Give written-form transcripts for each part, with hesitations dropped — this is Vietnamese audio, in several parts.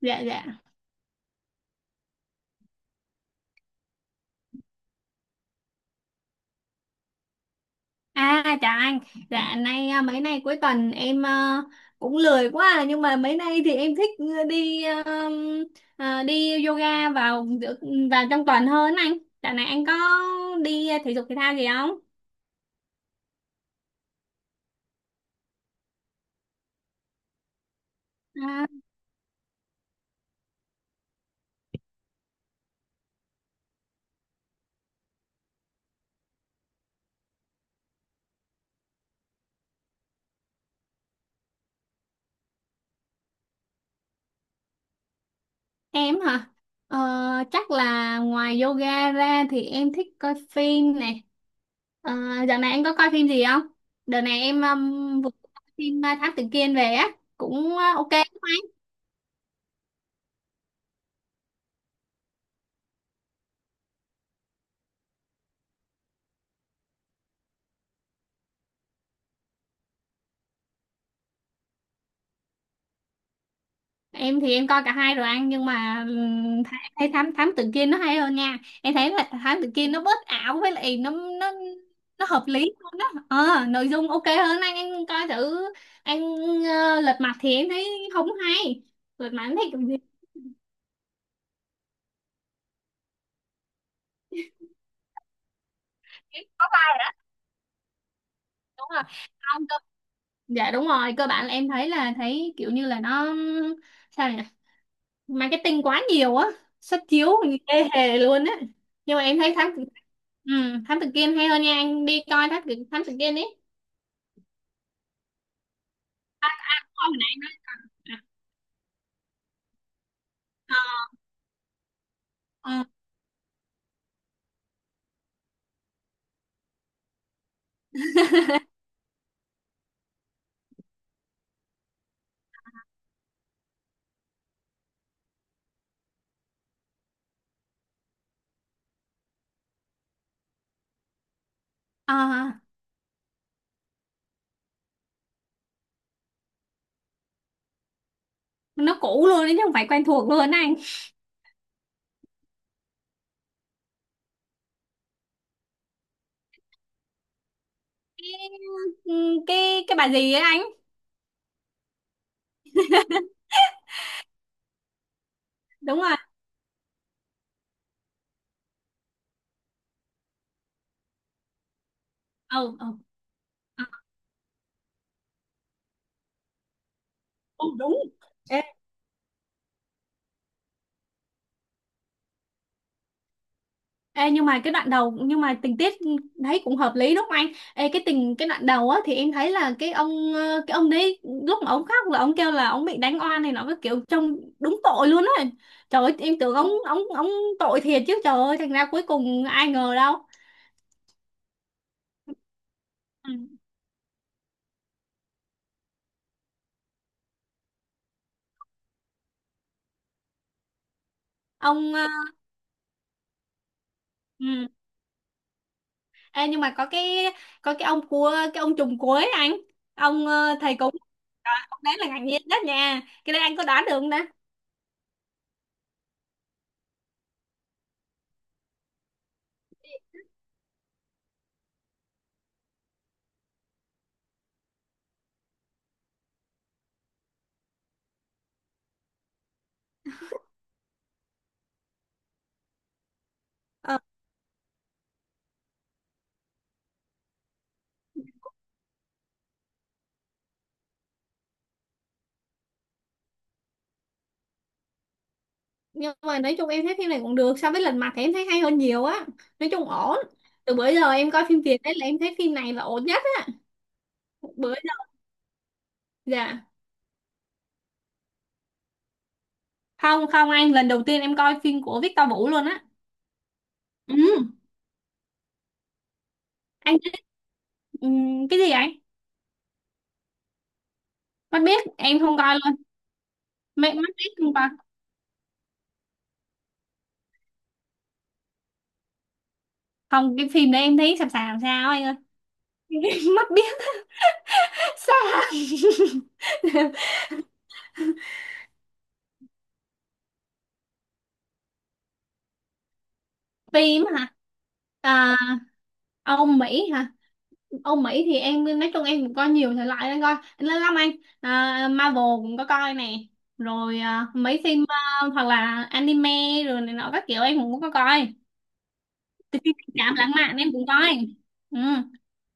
Dạ, dạ. À, chào anh. Dạ, nay à, mấy nay cuối tuần em à, cũng lười quá à, nhưng mà mấy nay thì em thích à, đi yoga vào trong tuần hơn anh. Dạo này anh có đi à, thể dục thể thao gì không? À, em hả? Ờ, chắc là ngoài yoga ra thì em thích coi phim này. Ờ, dạo này anh có coi phim gì không? Đợt này em vừa coi phim à, Thám Tử Kiên về á, cũng à, ok. Em thì em coi cả hai rồi anh, nhưng mà em thấy thám thám tử Kiên nó hay hơn nha. Em thấy là thám tử Kiên nó bớt ảo, với lại nó hợp lý hơn đó. Ờ, nội dung ok hơn, anh coi thử anh. Ờ, Lật Mặt thì em thấy không hay. Lật Mặt em thấy kiểu gì. Em có ba, đúng rồi, không cơ. Dạ đúng rồi, cơ bản là em thấy kiểu như là nó, sao nhỉ, marketing quá nhiều á. Xuất chiếu thì ê hề luôn á. Nhưng mà em thấy ừ, thám tử Kiên hay hơn nha, anh đi coi thám tử Kiên ấy. Coi hồi nãy anh nói à. Ờ. Ờ. Ờ. Nó cũ luôn đấy chứ không phải quen thuộc luôn á anh. Ừ, cái cái bà gì ấy anh. Đúng rồi. Ừ, ừ. Ờ. Ừ, đúng. Ê, nhưng mà cái đoạn đầu, nhưng mà tình tiết thấy cũng hợp lý đúng không anh? Ê, cái đoạn đầu á thì em thấy là cái ông ờ, cái ông đấy, lúc mà ông khóc là ông kêu là ông bị đánh oan này, nó cái kiểu trông đúng tội luôn á. Trời ơi em tưởng ông tội thiệt chứ, trời ơi thành ra cuối cùng ai ngờ đâu. Ừ. Ông ờ. Ừ. Ê, nhưng mà có cái ông cua cái ông trùm cuối anh. Ông ờ, thầy cúng. Đó, ông đấy là ngạc nhiên nhất nha. Cái đấy anh có đoán được không ta? Ờ. Nhưng mà nói chung em thấy phim này cũng được, so với Lật Mặt thì em thấy hay hơn nhiều á, nói chung ổn. Từ bữa giờ em coi phim Việt đấy, là em thấy phim này là ổn nhất á bữa giờ. Dạ, không, không anh, lần đầu tiên em coi phim của Victor Vũ luôn á. Ừ, anh biết. Ừ, cái gì anh? Mắt biết em không coi luôn. Mắt mắt biết không coi. Không, cái phim đấy em thấy sàm sàm sao anh ơi. Mắt biết sao. Phim hả? À, ông Mỹ hả? Âu Mỹ thì em, nói chung em cũng coi nhiều thể loại, em coi lớn lắm anh. À, Marvel cũng có coi nè, rồi à, mấy phim à, hoặc là anime, rồi này nọ các kiểu em cũng có coi. Cảm lãng mạn em cũng coi. Ừ.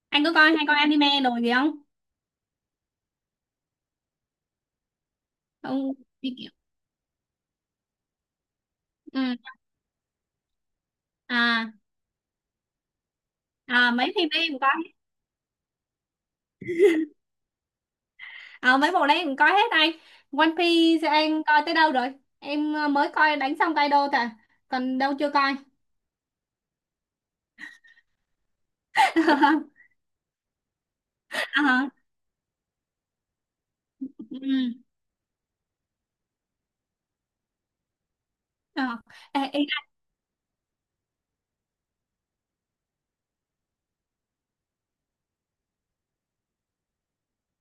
Anh có coi, hay coi anime đồ gì không? Không, đi kiểu. Ừ. À. À, mấy phim đấy em cũng coi. À, mấy bộ đấy em cũng coi hết anh. One Piece em coi tới đâu rồi? Em à, mới coi đánh xong Kaido thôi à, còn đâu chưa coi. À. Ừ. Ờ. Ờ. Ờ. Ờ. Ê, ê,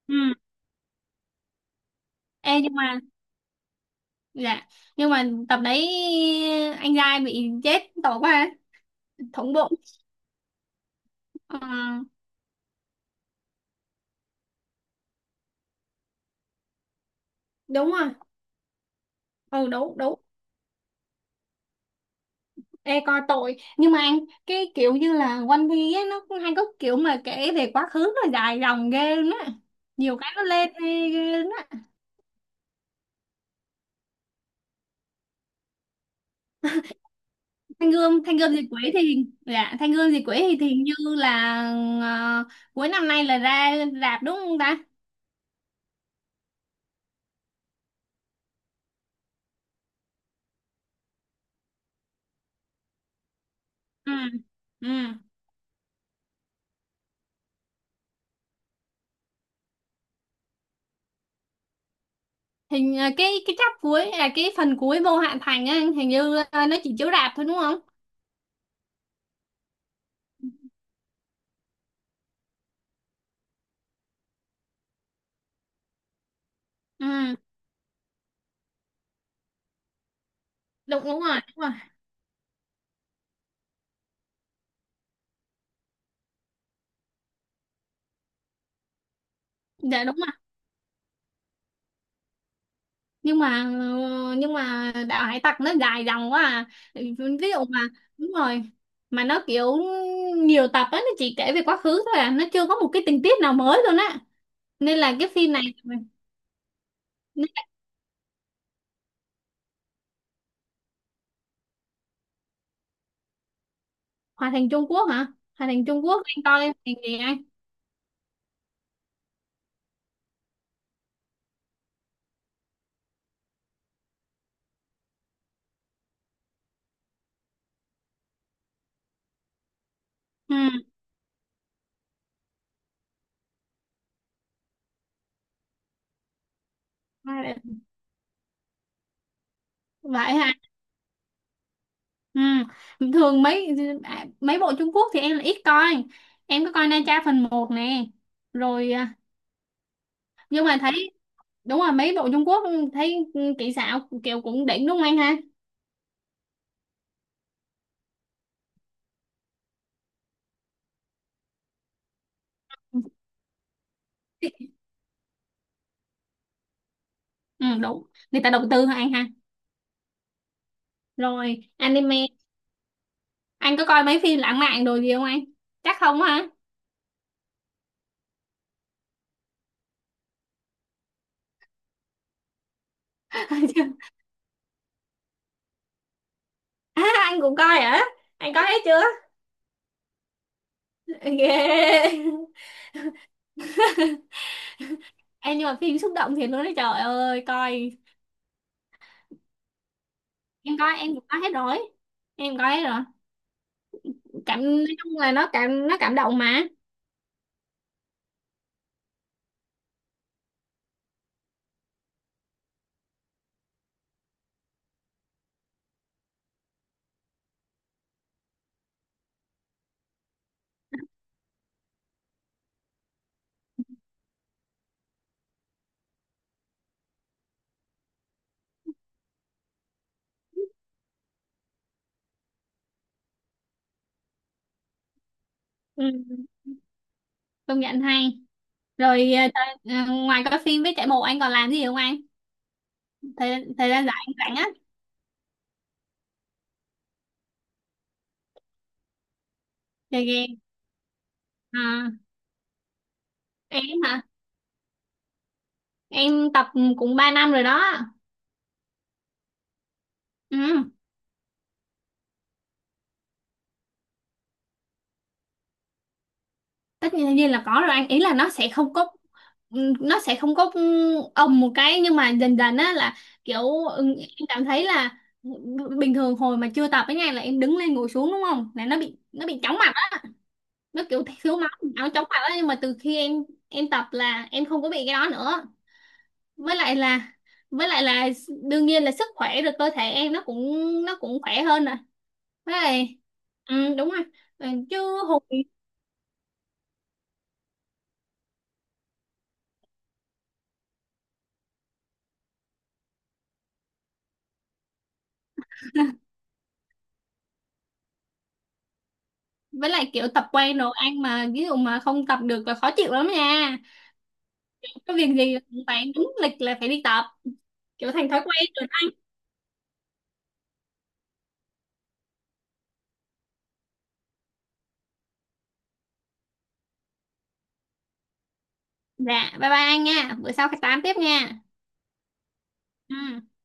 ừ. Ê nhưng mà, dạ, nhưng mà tập đấy anh giai bị chết tội quá, thủng bụng. Ờ, đúng rồi. Ừ, đúng, đúng. Ê coi tội nhưng mà anh, cái kiểu như là One Piece ấy, nó cũng hay có kiểu mà kể về quá khứ, nó dài dòng ghê luôn á. Nhiều cái nó lên ghê ghê luôn á. Thanh Gươm Diệt Quỷ thì dạ, Thanh Gươm Diệt Quỷ thì hình như là ờ, cuối năm nay là ra rạp đúng không ta? Ừ. Ừ. Hình à, cái chap cuối, à cái phần cuối vô hạn thành á, hình như à, nó chỉ chiếu rạp thôi đúng không? Ừ, đúng, đúng rồi, đúng rồi, dạ đúng rồi. nhưng mà nhưng mà đạo hải tặc nó dài dòng quá à. Ví dụ mà. Đúng rồi. Mà nó kiểu nhiều tập á, nó chỉ kể về quá khứ thôi à, nó chưa có một cái tình tiết nào mới luôn á. Nên là cái phim này. Nên là. Hòa thành Trung Quốc hả? Hòa thành Trung Quốc anh coi thành gì anh? Ừ. Vậy hả? Ừ. Thường mấy bộ Trung Quốc thì em là ít coi. Em có coi Na Tra phần một nè, rồi à, nhưng mà thấy đúng là mấy bộ Trung Quốc thấy ừ, kỹ xảo kiểu cũng đỉnh đúng không anh ha? Ừ, đúng, người ta đầu tư hả anh ha? Rồi anime. Anh có coi mấy phim lãng mạn đồ gì không anh? Chắc không hả? Coi chưa? À, anh cũng coi hả? Anh coi hết chưa? Ghê. Em nhưng mà phim xúc động thì luôn đấy, trời ơi coi. Em cũng coi hết rồi, em coi hết rồi. Nói chung là nó cảm động mà. Ừ. Công nhận hay. Rồi ờ, ngoài coi phim với chạy bộ anh còn làm gì không anh? Thời thời gian rảnh rảnh á. Chơi game. À, em hả? Em tập cũng 3 năm rồi đó. Ừ. tất nhiên nhiên là có rồi anh, ý là nó sẽ không có ừ, nó sẽ không có ừ, ầm một cái, nhưng mà dần dần á là kiểu ừ, em cảm thấy là bình thường hồi mà chưa tập ấy nha, là em đứng lên ngồi xuống đúng không, là nó bị chóng mặt. Nó kiểu thiếu máu, áo chóng mặt đó, nhưng mà từ khi em tập là em không có bị cái đó nữa. Với lại là với lại là đương nhiên là sức khỏe rồi, cơ thể em nó cũng khỏe hơn rồi. Với lại ừ, đúng rồi. Ừ, chứ hồi với lại kiểu tập quen rồi ăn, mà ví dụ mà không tập được là khó chịu lắm nha. Có việc gì cũng phải đúng lịch là phải đi tập, kiểu thành thói quen rồi anh. Dạ bye bye anh nha, bữa sau phải tám tiếp nha. Ừ.